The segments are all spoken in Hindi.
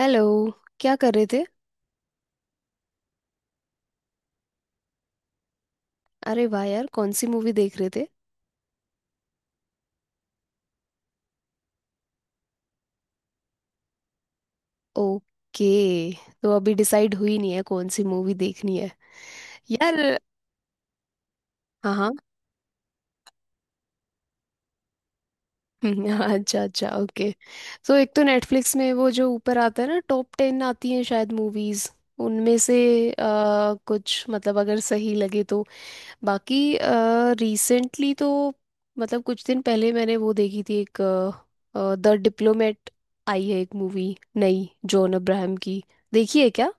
हेलो। क्या कर रहे थे? अरे वाह यार, कौन सी मूवी देख रहे थे? ओके, तो अभी डिसाइड हुई नहीं है कौन सी मूवी देखनी है? यार, हाँ हाँ। अच्छा अच्छा, ओके। सो एक तो नेटफ्लिक्स में वो जो ऊपर आता है ना, टॉप 10 आती हैं शायद मूवीज, उनमें से अ, कुछ, मतलब अगर सही लगे तो। बाकी रिसेंटली तो, मतलब कुछ दिन पहले मैंने वो देखी थी एक, द डिप्लोमेट आई है एक मूवी नई, जॉन अब्राहम की। देखी है क्या?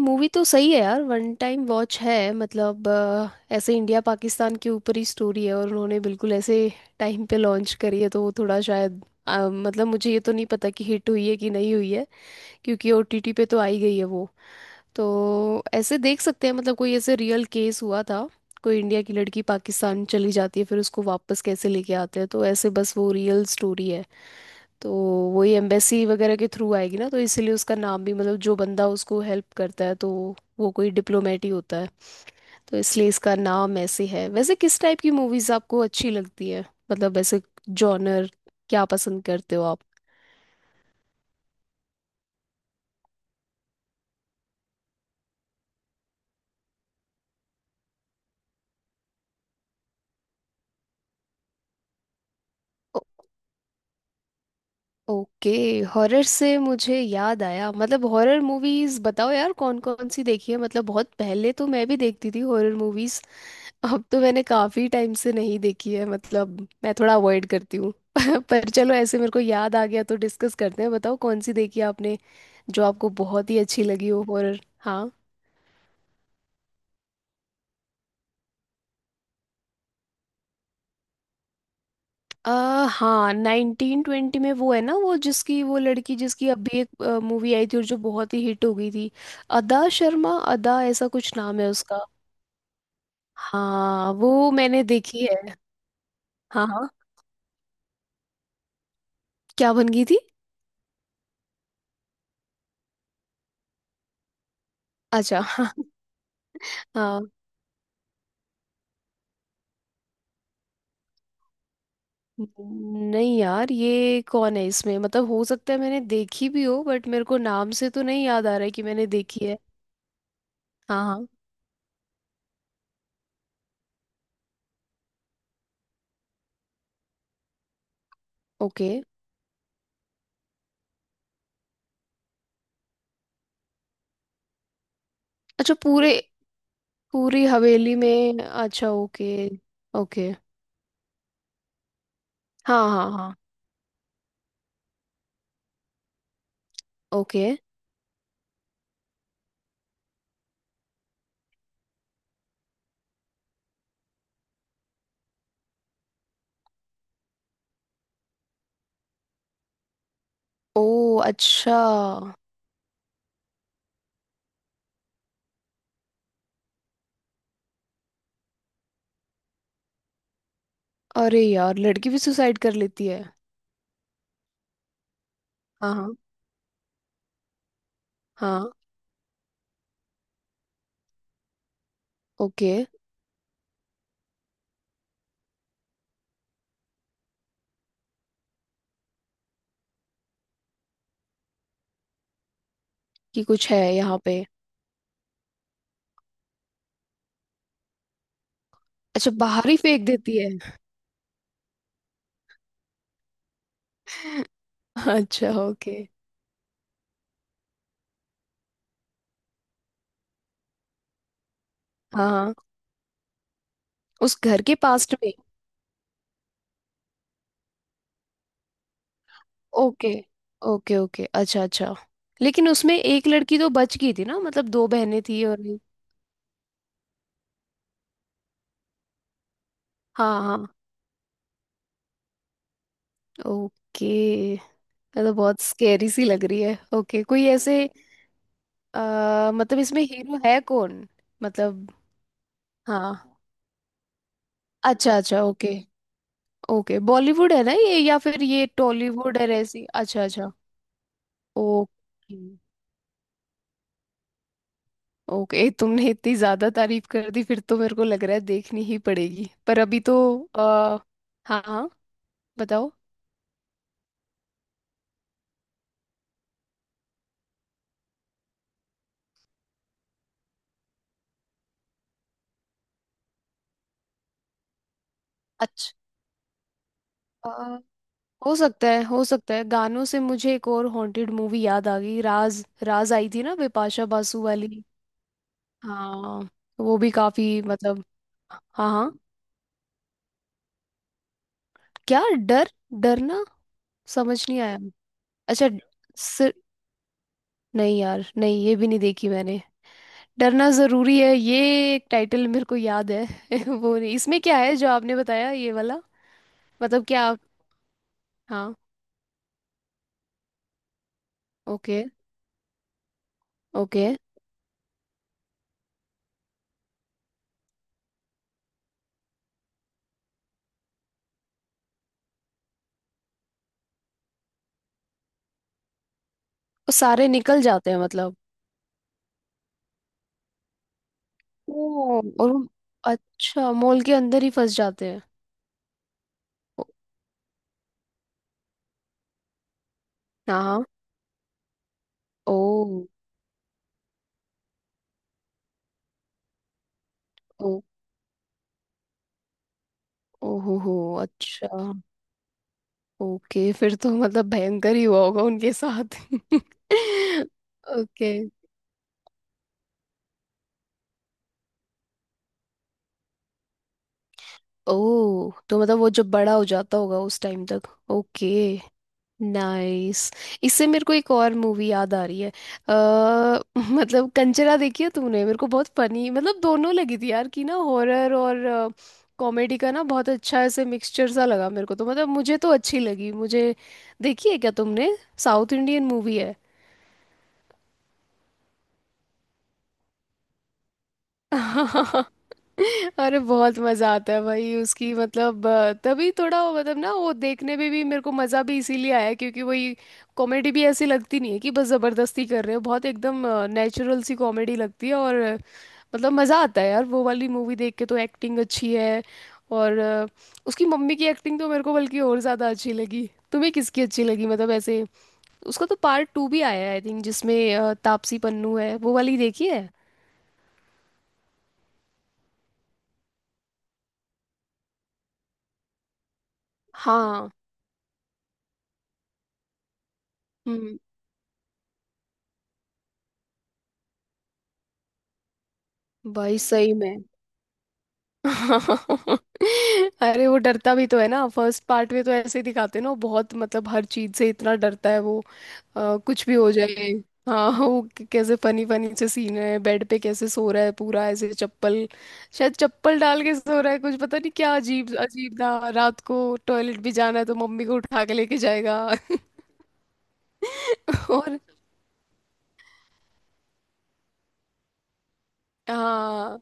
मूवी तो सही है यार, वन टाइम वॉच है। मतलब ऐसे इंडिया पाकिस्तान के ऊपर ही स्टोरी है, और उन्होंने बिल्कुल ऐसे टाइम पे लॉन्च करी है, तो वो थोड़ा शायद मतलब मुझे ये तो नहीं पता कि हिट हुई है कि नहीं हुई है, क्योंकि ओटीटी पे तो आई गई है वो। तो ऐसे देख सकते हैं, मतलब कोई ऐसे रियल केस हुआ था, कोई इंडिया की लड़की पाकिस्तान चली जाती है, फिर उसको वापस कैसे लेके आते हैं, तो ऐसे बस वो रियल स्टोरी है। तो वही एम्बेसी वगैरह के थ्रू आएगी ना, तो इसलिए उसका नाम भी, मतलब जो बंदा उसको हेल्प करता है तो वो कोई डिप्लोमेट ही होता है, तो इसलिए इसका नाम ऐसे है। वैसे किस टाइप की मूवीज आपको अच्छी लगती है, मतलब ऐसे जॉनर क्या पसंद करते हो आप? ओ- ओके। हॉरर से मुझे याद आया, मतलब हॉरर मूवीज बताओ यार, कौन कौन सी देखी है? मतलब बहुत पहले तो मैं भी देखती थी हॉरर मूवीज, अब तो मैंने काफी टाइम से नहीं देखी है, मतलब मैं थोड़ा अवॉइड करती हूँ। पर चलो, ऐसे मेरे को याद आ गया तो डिस्कस करते हैं। बताओ कौन सी देखी आपने, जो आपको बहुत ही अच्छी लगी हो हॉरर? हाँ। हाँ, 1920 में वो है ना, वो जिसकी, वो लड़की जिसकी अभी एक मूवी आई थी और जो बहुत ही हिट हो गई थी, अदा शर्मा, अदा ऐसा कुछ नाम है उसका। हाँ वो मैंने देखी है। हाँ हाँ। क्या बन गई थी? अच्छा। हाँ। नहीं यार, ये कौन है इसमें, मतलब हो सकता है मैंने देखी भी हो, बट मेरे को नाम से तो नहीं याद आ रहा है कि मैंने देखी है। हाँ हाँ। ओके। अच्छा पूरे, पूरी हवेली में, अच्छा ओके। ओके। हाँ हाँ हाँ। ओके। ओ अच्छा। अरे यार लड़की भी सुसाइड कर लेती है? हाँ हाँ हाँ। ओके। कि कुछ है यहाँ पे। अच्छा, बाहर ही फेंक देती है? अच्छा, ओके। हाँ हाँ, उस घर के पास में। ओके, ओके, ओके, अच्छा अच्छा। लेकिन उसमें एक लड़की तो बच गई थी ना, मतलब दो बहनें थी और एक-। हाँ हाँ। ओके। ये तो बहुत स्केरी सी लग रही है। ओके, कोई ऐसे मतलब इसमें हीरो है कौन, मतलब? हाँ, अच्छा अच्छा, ओके। ओके, बॉलीवुड है ना ये, या फिर ये टॉलीवुड है ऐसी? अच्छा अच्छा, ओके। ओके, तुमने इतनी ज्यादा तारीफ कर दी फिर तो, मेरे को लग रहा है देखनी ही पड़ेगी, पर अभी तो आ, हाँ हाँ, बताओ। अच्छा। अ, हो सकता है, हो सकता है। गानों से मुझे एक और हॉन्टेड मूवी याद आ गई, राज, राज आई थी ना बिपाशा बासु वाली। हाँ। वो भी काफी मतलब। हाँ हाँ, क्या? डर? डरना, समझ नहीं आया। अच्छा। सिर, नहीं यार नहीं, ये भी नहीं देखी मैंने। डरना जरूरी है ये एक टाइटल मेरे को याद है। वो नहीं, इसमें क्या है जो आपने बताया ये वाला, मतलब क्या आप? हाँ। Okay, okay. वो सारे निकल जाते हैं मतलब? ओ, और हम, अच्छा मॉल के अंदर ही फंस जाते हैं? ओ, हाँ हाँ। ओ ओ। ओ हो हो। अच्छा, ओके, फिर तो मतलब भयंकर ही हुआ होगा उनके साथ। ओके। ओ, तो मतलब वो जब बड़ा हो जाता होगा उस टाइम तक, ओके। नाइस। इससे मेरे को एक और मूवी याद आ रही है, अ, मतलब, कंचना देखी है तूने? मेरे को बहुत फनी मतलब दोनों लगी थी यार, कि ना हॉरर और कॉमेडी का ना बहुत अच्छा ऐसे मिक्सचर सा लगा मेरे को, तो मतलब मुझे तो अच्छी लगी मुझे। देखी है क्या तुमने? साउथ इंडियन मूवी है। अरे बहुत मजा आता है भाई उसकी, मतलब तभी थोड़ा वो मतलब ना, वो देखने में भी मेरे को मजा भी इसीलिए आया क्योंकि वही, कॉमेडी भी ऐसी लगती नहीं है कि बस जबरदस्ती कर रहे हो, बहुत एकदम नेचुरल सी कॉमेडी लगती है, और मतलब मजा आता है यार वो वाली मूवी देख के, तो एक्टिंग अच्छी है, और उसकी मम्मी की एक्टिंग तो मेरे को बल्कि और ज्यादा अच्छी लगी, तुम्हें किसकी अच्छी लगी मतलब ऐसे? उसका तो पार्ट 2 भी आया है आई थिंक, जिसमें तापसी पन्नू है, वो वाली देखी है? हाँ। भाई सही में। अरे वो डरता भी तो है ना फर्स्ट पार्ट में, तो ऐसे ही दिखाते हैं ना, वो बहुत मतलब हर चीज से इतना डरता है वो, कुछ भी हो जाए। हाँ, वो कैसे फनी फनी से सीन है, बेड पे कैसे सो रहा है पूरा ऐसे चप्पल, शायद चप्पल डाल के सो रहा है कुछ पता नहीं, क्या अजीब अजीब था, रात को टॉयलेट भी जाना है तो मम्मी को उठा के लेके जाएगा। और हाँ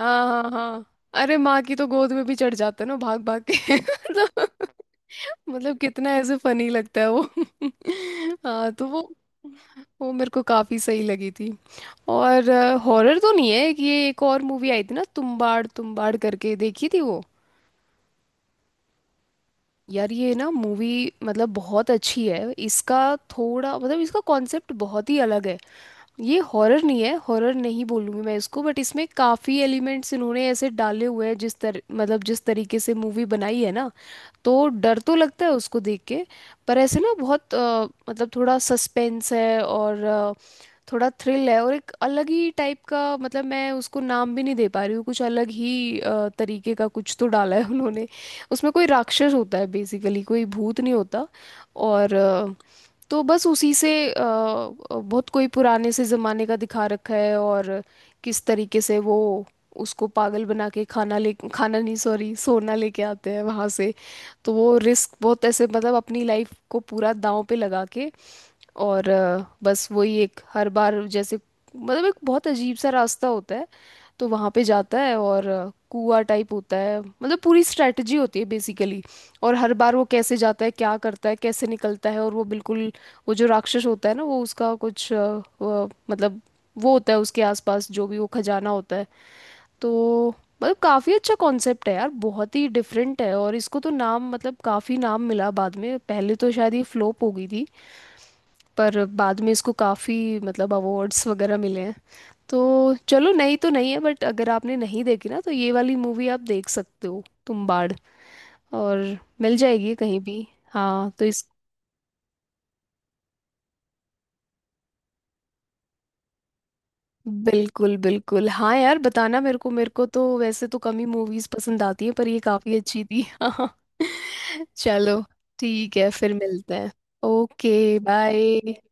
हाँ हाँ हाँ। अरे माँ की तो गोद में भी चढ़ जाते हैं ना, भाग भाग के। मतलब, मतलब कितना ऐसे फनी लगता है वो। हाँ तो वो मेरे को काफी सही लगी थी, और। हॉरर तो नहीं है कि, ये एक और मूवी आई थी ना तुम्बाड़, तुम्बाड़ करके, देखी थी वो? यार ये ना मूवी मतलब बहुत अच्छी है, इसका थोड़ा मतलब इसका कॉन्सेप्ट बहुत ही अलग है। ये हॉरर नहीं है, हॉरर नहीं बोलूँगी मैं इसको, बट इसमें काफ़ी एलिमेंट्स इन्होंने ऐसे डाले हुए हैं, जिस तर मतलब जिस तरीके से मूवी बनाई है ना, तो डर तो लगता है उसको देख के। पर ऐसे ना बहुत मतलब थोड़ा सस्पेंस है, और थोड़ा थ्रिल है, और एक अलग ही टाइप का, मतलब मैं उसको नाम भी नहीं दे पा रही हूँ, कुछ अलग ही तरीके का कुछ तो डाला है उन्होंने। उसमें कोई राक्षस होता है बेसिकली, कोई भूत नहीं होता, और तो बस उसी से बहुत कोई पुराने से ज़माने का दिखा रखा है, और किस तरीके से वो उसको पागल बना के, खाना नहीं सॉरी, सोना लेके आते हैं वहाँ से, तो वो रिस्क बहुत ऐसे, मतलब अपनी लाइफ को पूरा दांव पे लगा के, और बस वही एक हर बार जैसे, मतलब एक बहुत अजीब सा रास्ता होता है, तो वहाँ पे जाता है, और कुआं टाइप होता है, मतलब पूरी स्ट्रेटजी होती है बेसिकली। और हर बार वो कैसे जाता है, क्या करता है, कैसे निकलता है, और वो बिल्कुल, वो जो राक्षस होता है ना, वो उसका कुछ मतलब वो होता है उसके आसपास जो भी वो खजाना होता है। तो मतलब काफ़ी अच्छा कॉन्सेप्ट है यार, बहुत ही डिफरेंट है, और इसको तो नाम, मतलब काफ़ी नाम मिला बाद में, पहले तो शायद ये फ्लोप हो गई थी, पर बाद में इसको काफ़ी मतलब अवार्ड्स वगैरह मिले हैं। तो चलो, नई तो नहीं है बट अगर आपने नहीं देखी ना, तो ये वाली मूवी आप देख सकते हो, तुम्बाड़, और मिल जाएगी कहीं भी। हाँ तो इस, बिल्कुल बिल्कुल हाँ यार, बताना मेरे को, मेरे को तो वैसे तो कम ही मूवीज पसंद आती है पर ये काफ़ी अच्छी थी। हाँ, चलो, ठीक है फिर मिलते हैं। Okay, bye.